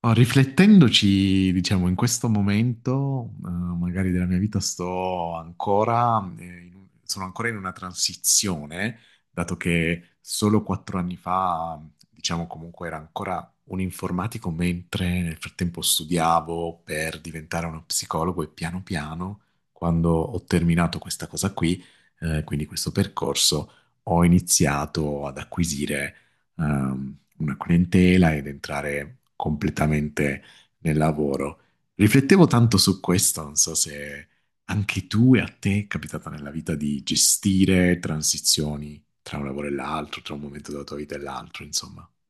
Oh, riflettendoci, diciamo, in questo momento, magari della mia vita, sto ancora, sono ancora in una transizione, dato che solo 4 anni fa, diciamo, comunque era ancora un informatico, mentre nel frattempo studiavo per diventare uno psicologo e piano piano, quando ho terminato questa cosa qui, quindi questo percorso, ho iniziato ad acquisire una clientela ed entrare completamente nel lavoro. Riflettevo tanto su questo, non so se anche tu e a te è capitata nella vita di gestire transizioni tra un lavoro e l'altro, tra un momento della tua vita e l'altro, insomma.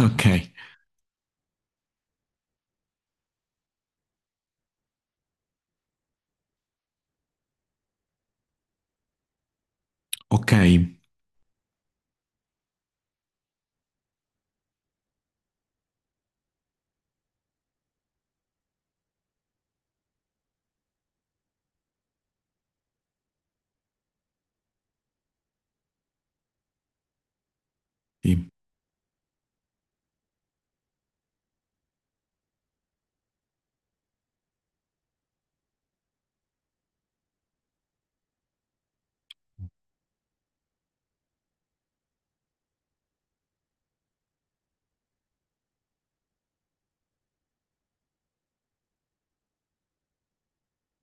Ok, ok, sì.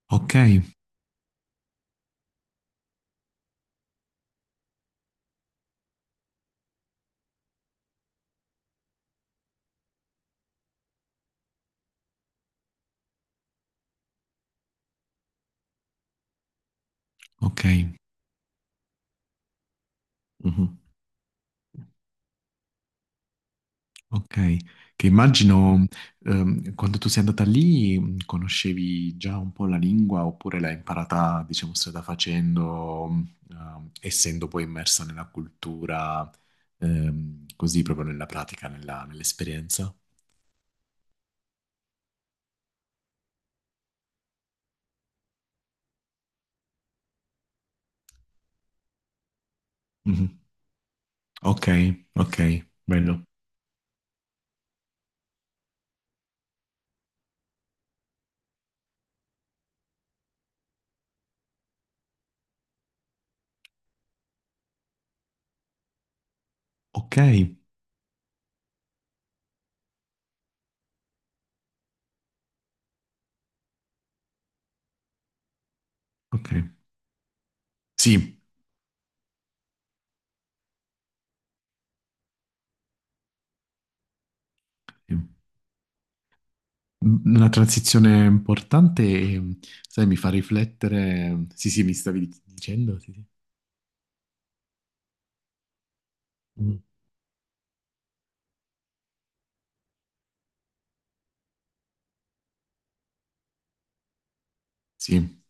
Ok, ok. Mhm. Ok, che immagino quando tu sei andata lì conoscevi già un po' la lingua oppure l'hai imparata, diciamo, strada facendo, essendo poi immersa nella cultura, così proprio nella pratica, nell'esperienza. Mhm. Ok, ok, bello. Ok, ok. Sì, sì. Una transizione importante e, sai, mi fa riflettere. Sì, sì, mi stavi dicendo, sì, sì. Mm. Sì.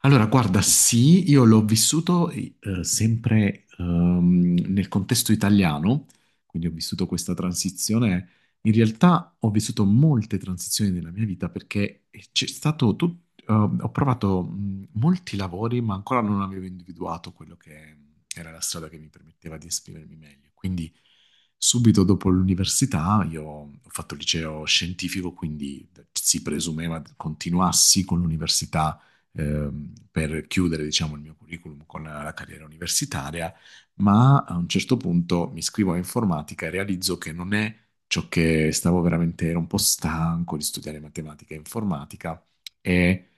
Allora, guarda, sì, io l'ho vissuto sempre nel contesto italiano, quindi ho vissuto questa transizione. In realtà ho vissuto molte transizioni nella mia vita perché c'è stato ho provato molti lavori, ma ancora non avevo individuato quello che era la strada che mi permetteva di esprimermi meglio. Quindi subito dopo l'università io ho fatto il liceo scientifico, quindi si presumeva continuassi con l'università per chiudere, diciamo, il mio curriculum con la carriera universitaria, ma a un certo punto mi iscrivo a informatica e realizzo che non è ciò che stavo veramente, ero un po' stanco di studiare matematica e informatica e,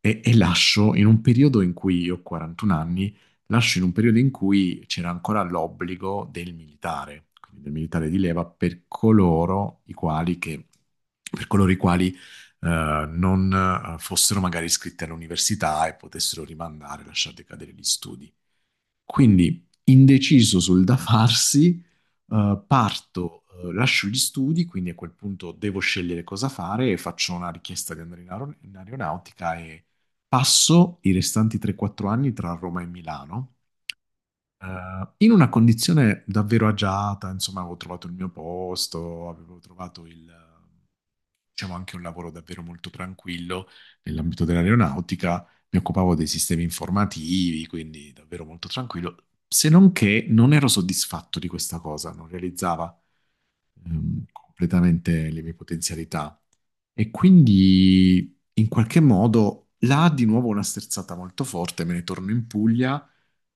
e lascio in un periodo in cui io ho 41 anni, lascio in un periodo in cui c'era ancora l'obbligo del militare, quindi del militare di leva per coloro i quali che, per coloro i quali non fossero magari iscritti all'università e potessero rimandare, lasciar decadere gli studi. Quindi, indeciso sul da farsi, parto, lascio gli studi, quindi a quel punto devo scegliere cosa fare e faccio una richiesta di andare in aeronautica e passo i restanti 3-4 anni tra Roma e Milano in una condizione davvero agiata, insomma, avevo trovato il mio posto, avevo trovato il, diciamo, anche un lavoro davvero molto tranquillo nell'ambito dell'aeronautica, mi occupavo dei sistemi informativi, quindi davvero molto tranquillo, se non che non ero soddisfatto di questa cosa, non realizzava completamente le mie potenzialità. E quindi in qualche modo là di nuovo una sterzata molto forte, me ne torno in Puglia,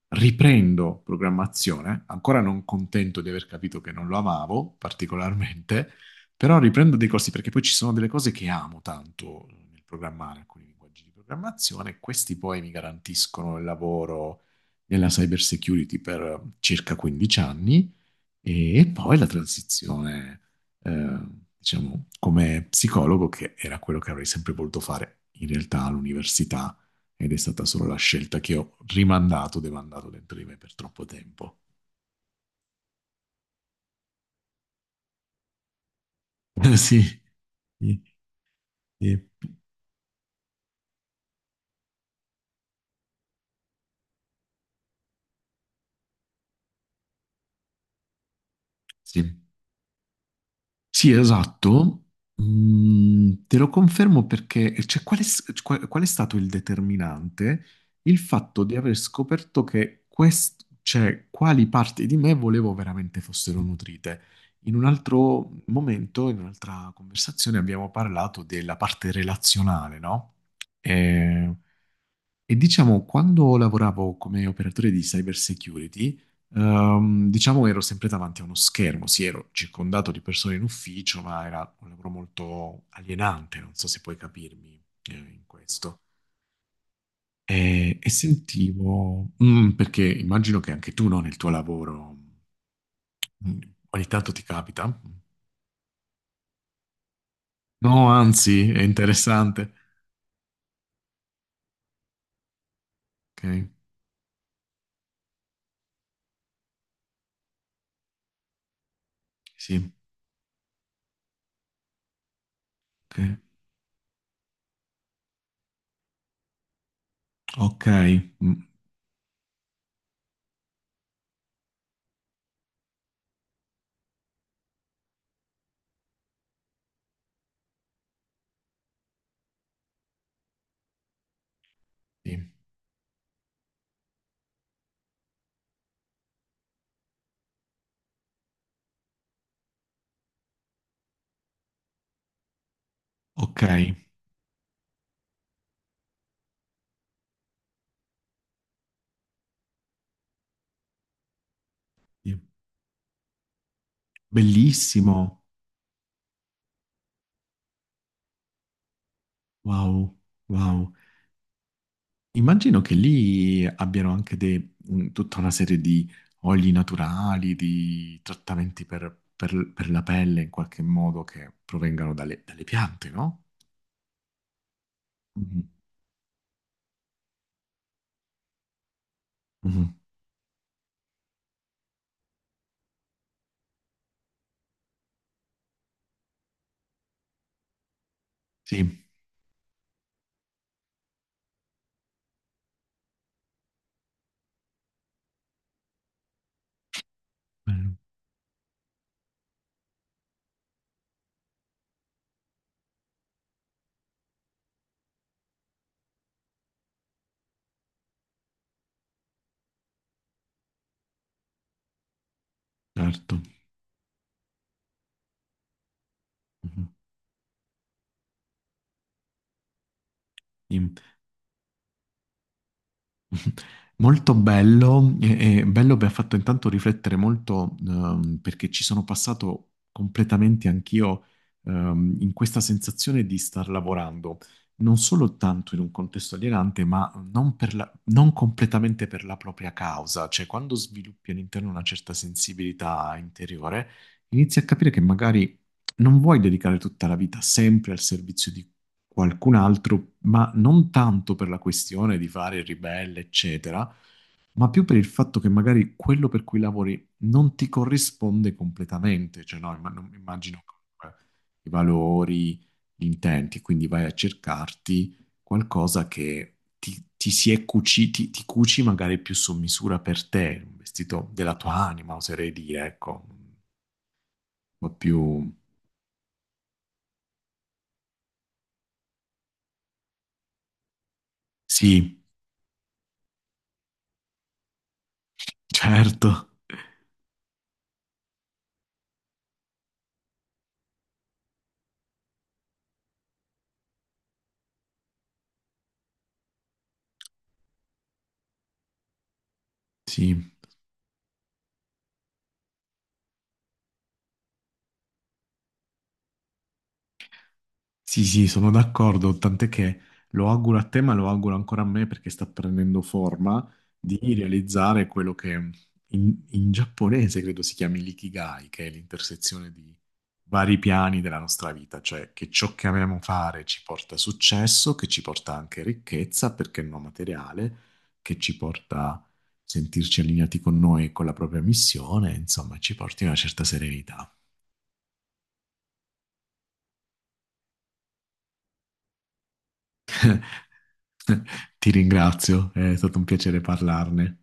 riprendo programmazione, ancora non contento di aver capito che non lo amavo particolarmente, però riprendo dei corsi perché poi ci sono delle cose che amo tanto nel programmare, alcuni linguaggi di programmazione, questi poi mi garantiscono il lavoro nella cyber security per circa 15 anni e poi la transizione, eh, diciamo, come psicologo, che era quello che avrei sempre voluto fare in realtà all'università, ed è stata solo la scelta che ho rimandato, demandato dentro di me per troppo tempo. Sì, sì, sì. Sì. Sì, esatto. Mm, te lo confermo perché, cioè, qual è, qual è stato il determinante? Il fatto di aver scoperto che cioè, quali parti di me volevo veramente fossero nutrite. In un altro momento, in un'altra conversazione, abbiamo parlato della parte relazionale, no? E diciamo, quando lavoravo come operatore di cyber security, diciamo ero sempre davanti a uno schermo, sì, ero circondato di persone in ufficio, ma era un lavoro molto alienante, non so se puoi capirmi, in questo. E sentivo, perché immagino che anche tu, no, nel tuo lavoro, mm, ogni tanto ti capita. No, anzi, è interessante. Ok, sì, ok, ok, mm, sì, ok, sì. Bellissimo. Wow, wow. Immagino che lì abbiano anche tutta una serie di oli naturali, di trattamenti per la pelle in qualche modo che provengano dalle piante, no? Mhm, mhm. Sì, bello, certo. Mhm. Molto bello, e bello mi ha fatto intanto riflettere molto perché ci sono passato completamente anch'io in questa sensazione di star lavorando, non solo tanto in un contesto alienante, ma non, non completamente per la propria causa, cioè quando sviluppi all'interno una certa sensibilità interiore, inizi a capire che magari non vuoi dedicare tutta la vita sempre al servizio qualcun altro, ma non tanto per la questione di fare il ribelle, eccetera, ma più per il fatto che magari quello per cui lavori non ti corrisponde completamente, cioè no, immagino comunque i valori, gli intenti, quindi vai a cercarti qualcosa che ti si è cuciti, ti cuci magari più su misura per te, un vestito della tua anima, oserei dire, ecco, un po' più. Sì, certo, sì. Sì, sì, sono d'accordo, tant'è che lo auguro a te, ma lo auguro ancora a me perché sta prendendo forma di realizzare quello che in giapponese credo si chiami l'ikigai, che è l'intersezione di vari piani della nostra vita, cioè che ciò che amiamo fare ci porta successo, che ci porta anche ricchezza, perché no materiale, che ci porta a sentirci allineati con noi e con la propria missione, insomma, ci porti una certa serenità. Ti ringrazio, è stato un piacere parlarne.